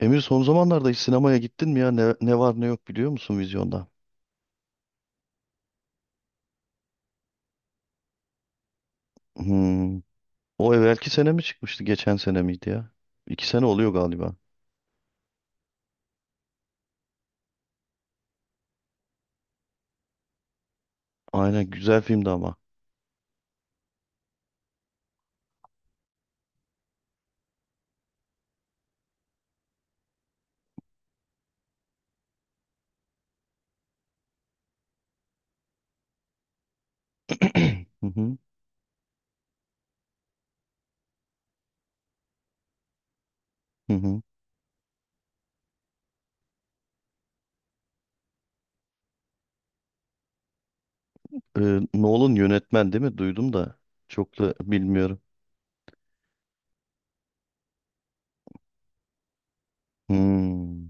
Emir son zamanlarda hiç sinemaya gittin mi ya? Ne var ne yok biliyor musun vizyonda? Hmm. O evvelki sene mi çıkmıştı? Geçen sene miydi ya? 2 sene oluyor galiba. Aynen, güzel filmdi ama. Hı hı, hı hı. Nolan yönetmen değil mi? Duydum da çok da bilmiyorum. Hmm.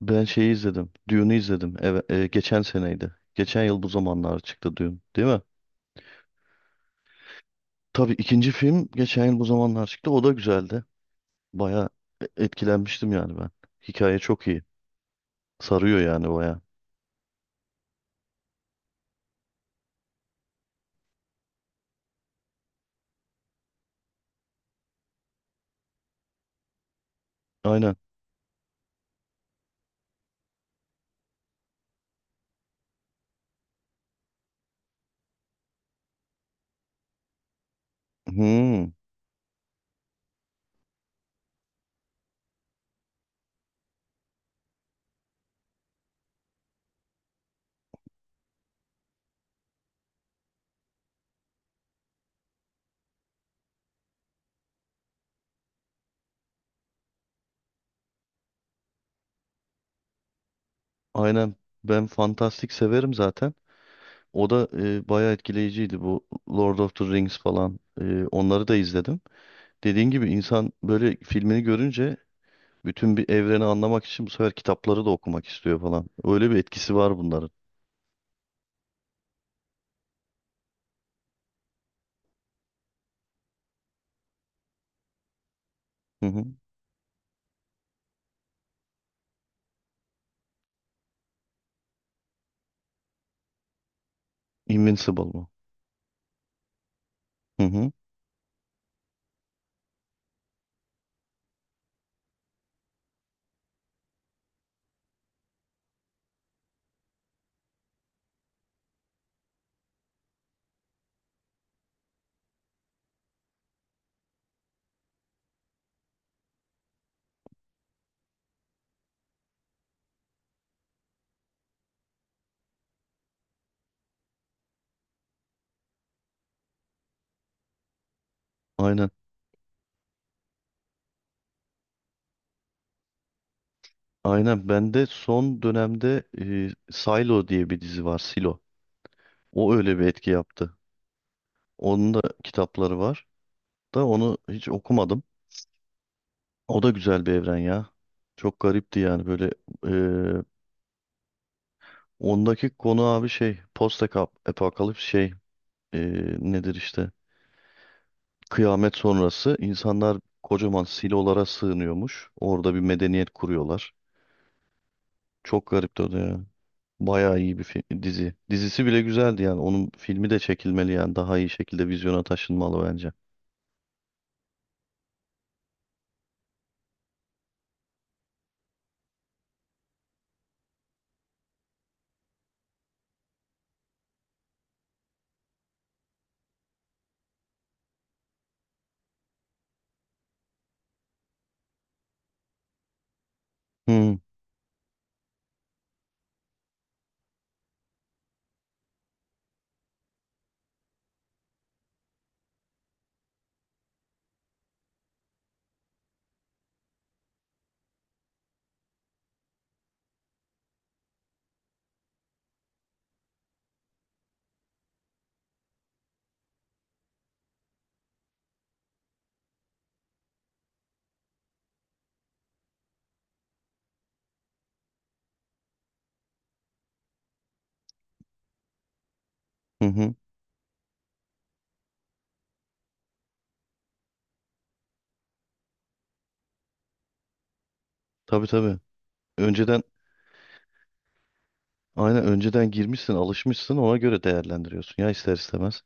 Ben şeyi izledim. Dune'u izledim. Evet, geçen seneydi. Geçen yıl bu zamanlar çıktı Dune, değil mi? Tabii, ikinci film geçen yıl bu zamanlar çıktı. O da güzeldi. Baya etkilenmiştim yani ben. Hikaye çok iyi. Sarıyor yani baya. Aynen. Hmm, aynen. Ben fantastik severim zaten. O da bayağı etkileyiciydi bu Lord of the Rings falan. Onları da izledim. Dediğin gibi insan böyle filmini görünce bütün bir evreni anlamak için bu sefer kitapları da okumak istiyor falan. Öyle bir etkisi var bunların. Hı hı. Invincible mı? Hı hı. Aynen. Aynen. Ben de son dönemde Silo diye bir dizi var. Silo. O öyle bir etki yaptı. Onun da kitapları var. Da onu hiç okumadım. O da güzel bir evren ya. Çok garipti yani böyle, e, ondaki konu abi şey post apokalips şey e, nedir işte kıyamet sonrası insanlar kocaman silolara sığınıyormuş. Orada bir medeniyet kuruyorlar. Çok garipti o da ya. Bayağı iyi bir dizi. Dizisi bile güzeldi yani. Onun filmi de çekilmeli yani. Daha iyi şekilde vizyona taşınmalı bence. Hı hı hı. Tabii tabii. Önceden Aynen, önceden girmişsin, alışmışsın, ona göre değerlendiriyorsun ya ister istemez.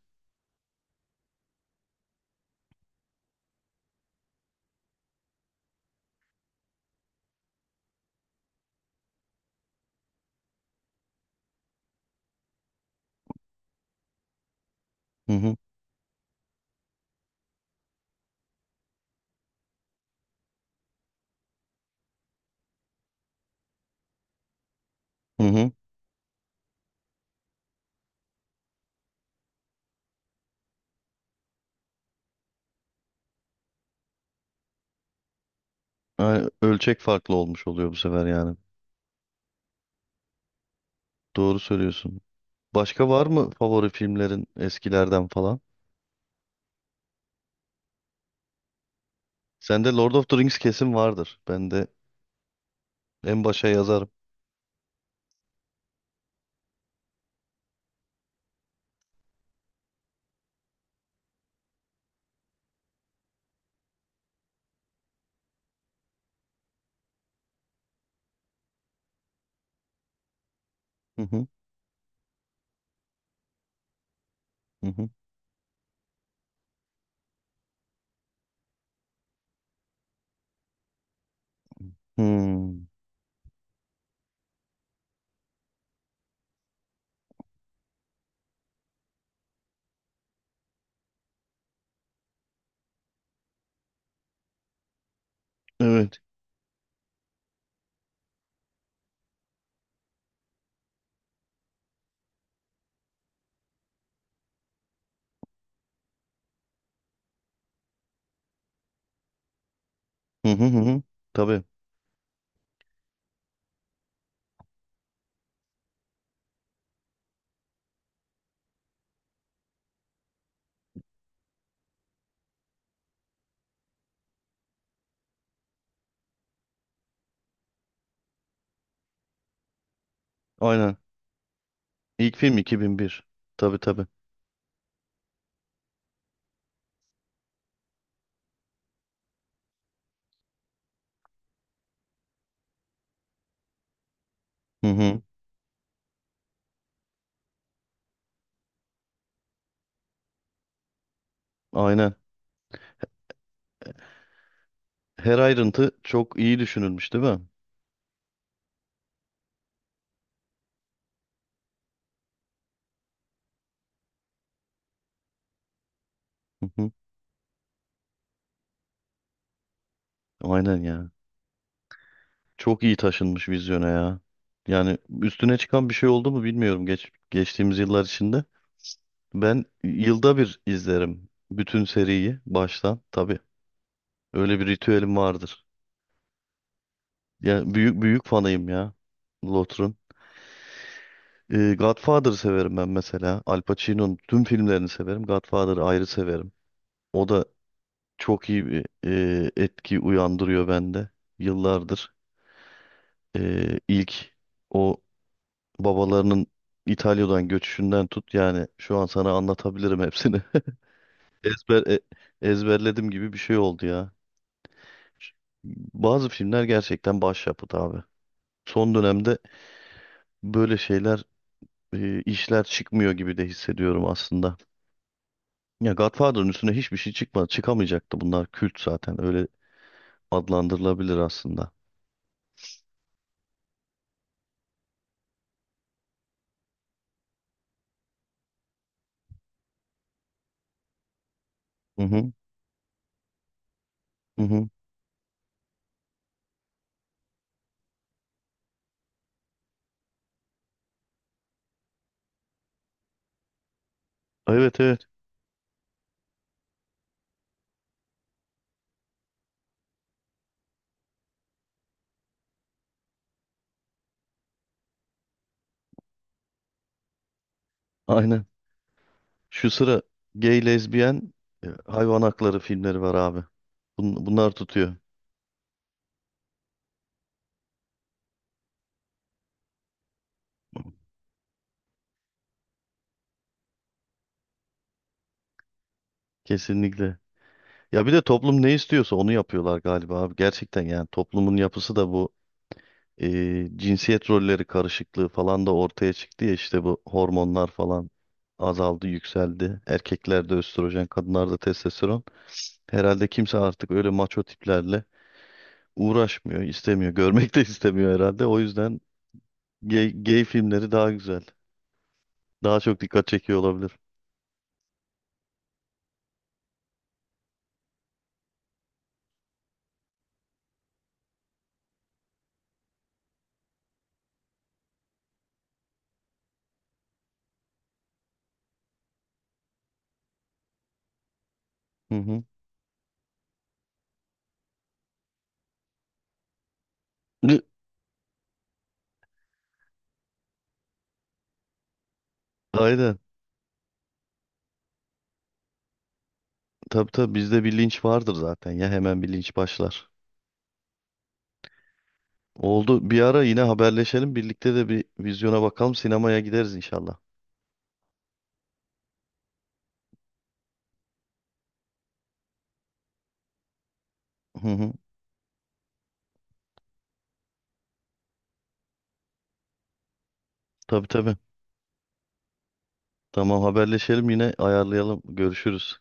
Hı hı. Hı hı. Yani ölçek farklı olmuş oluyor bu sefer yani. Doğru söylüyorsun. Başka var mı favori filmlerin eskilerden falan? Sende Lord of the Rings kesin vardır. Ben de en başa yazarım. Hı hı. Hı hı. Hmm. Evet. Hı hı hı. Hı. Tabii. Aynen. İlk film 2001. Tabii tabii. Hı hı. Aynen. Her ayrıntı çok iyi düşünülmüş değil mi? Hı hı. Aynen ya. Çok iyi taşınmış vizyona ya. Yani üstüne çıkan bir şey oldu mu bilmiyorum geçtiğimiz yıllar içinde. Ben yılda bir izlerim bütün seriyi baştan tabii. Öyle bir ritüelim vardır. Yani büyük büyük fanıyım ya Lotr'un. Godfather'ı severim ben mesela. Al Pacino'nun tüm filmlerini severim. Godfather'ı ayrı severim. O da çok iyi bir etki uyandırıyor bende yıllardır. İlk o babalarının İtalya'dan göçüşünden tut yani şu an sana anlatabilirim hepsini. Ezber e- Ezberledim gibi bir şey oldu ya. Ş- Bazı filmler gerçekten başyapıt abi. Son dönemde böyle işler çıkmıyor gibi de hissediyorum aslında. Ya Godfather'ın üstüne hiçbir şey çıkmadı. Çıkamayacaktı, bunlar kült zaten. Öyle adlandırılabilir aslında. Hı hı, hı hı. Evet evet. Aynen. Şu sıra gay, lezbiyen, hayvan hakları filmleri var abi. Bunlar tutuyor. Kesinlikle. Ya bir de toplum ne istiyorsa onu yapıyorlar galiba abi. Gerçekten yani toplumun yapısı da bu cinsiyet rolleri karışıklığı falan da ortaya çıktı ya işte bu hormonlar falan azaldı, yükseldi. Erkeklerde östrojen, kadınlarda testosteron. Herhalde kimse artık öyle maço tiplerle uğraşmıyor, istemiyor, görmek de istemiyor herhalde. O yüzden gay filmleri daha güzel. Daha çok dikkat çekiyor olabilir. Hı hı. Ü, Aynen. Tabii tabii, bizde bir linç vardır zaten ya, hemen bir linç başlar. Oldu. Bir ara yine haberleşelim. Birlikte de bir vizyona bakalım. Sinemaya gideriz inşallah. Hı hı. Tabii tabii. Tamam, haberleşelim yine, ayarlayalım. Görüşürüz.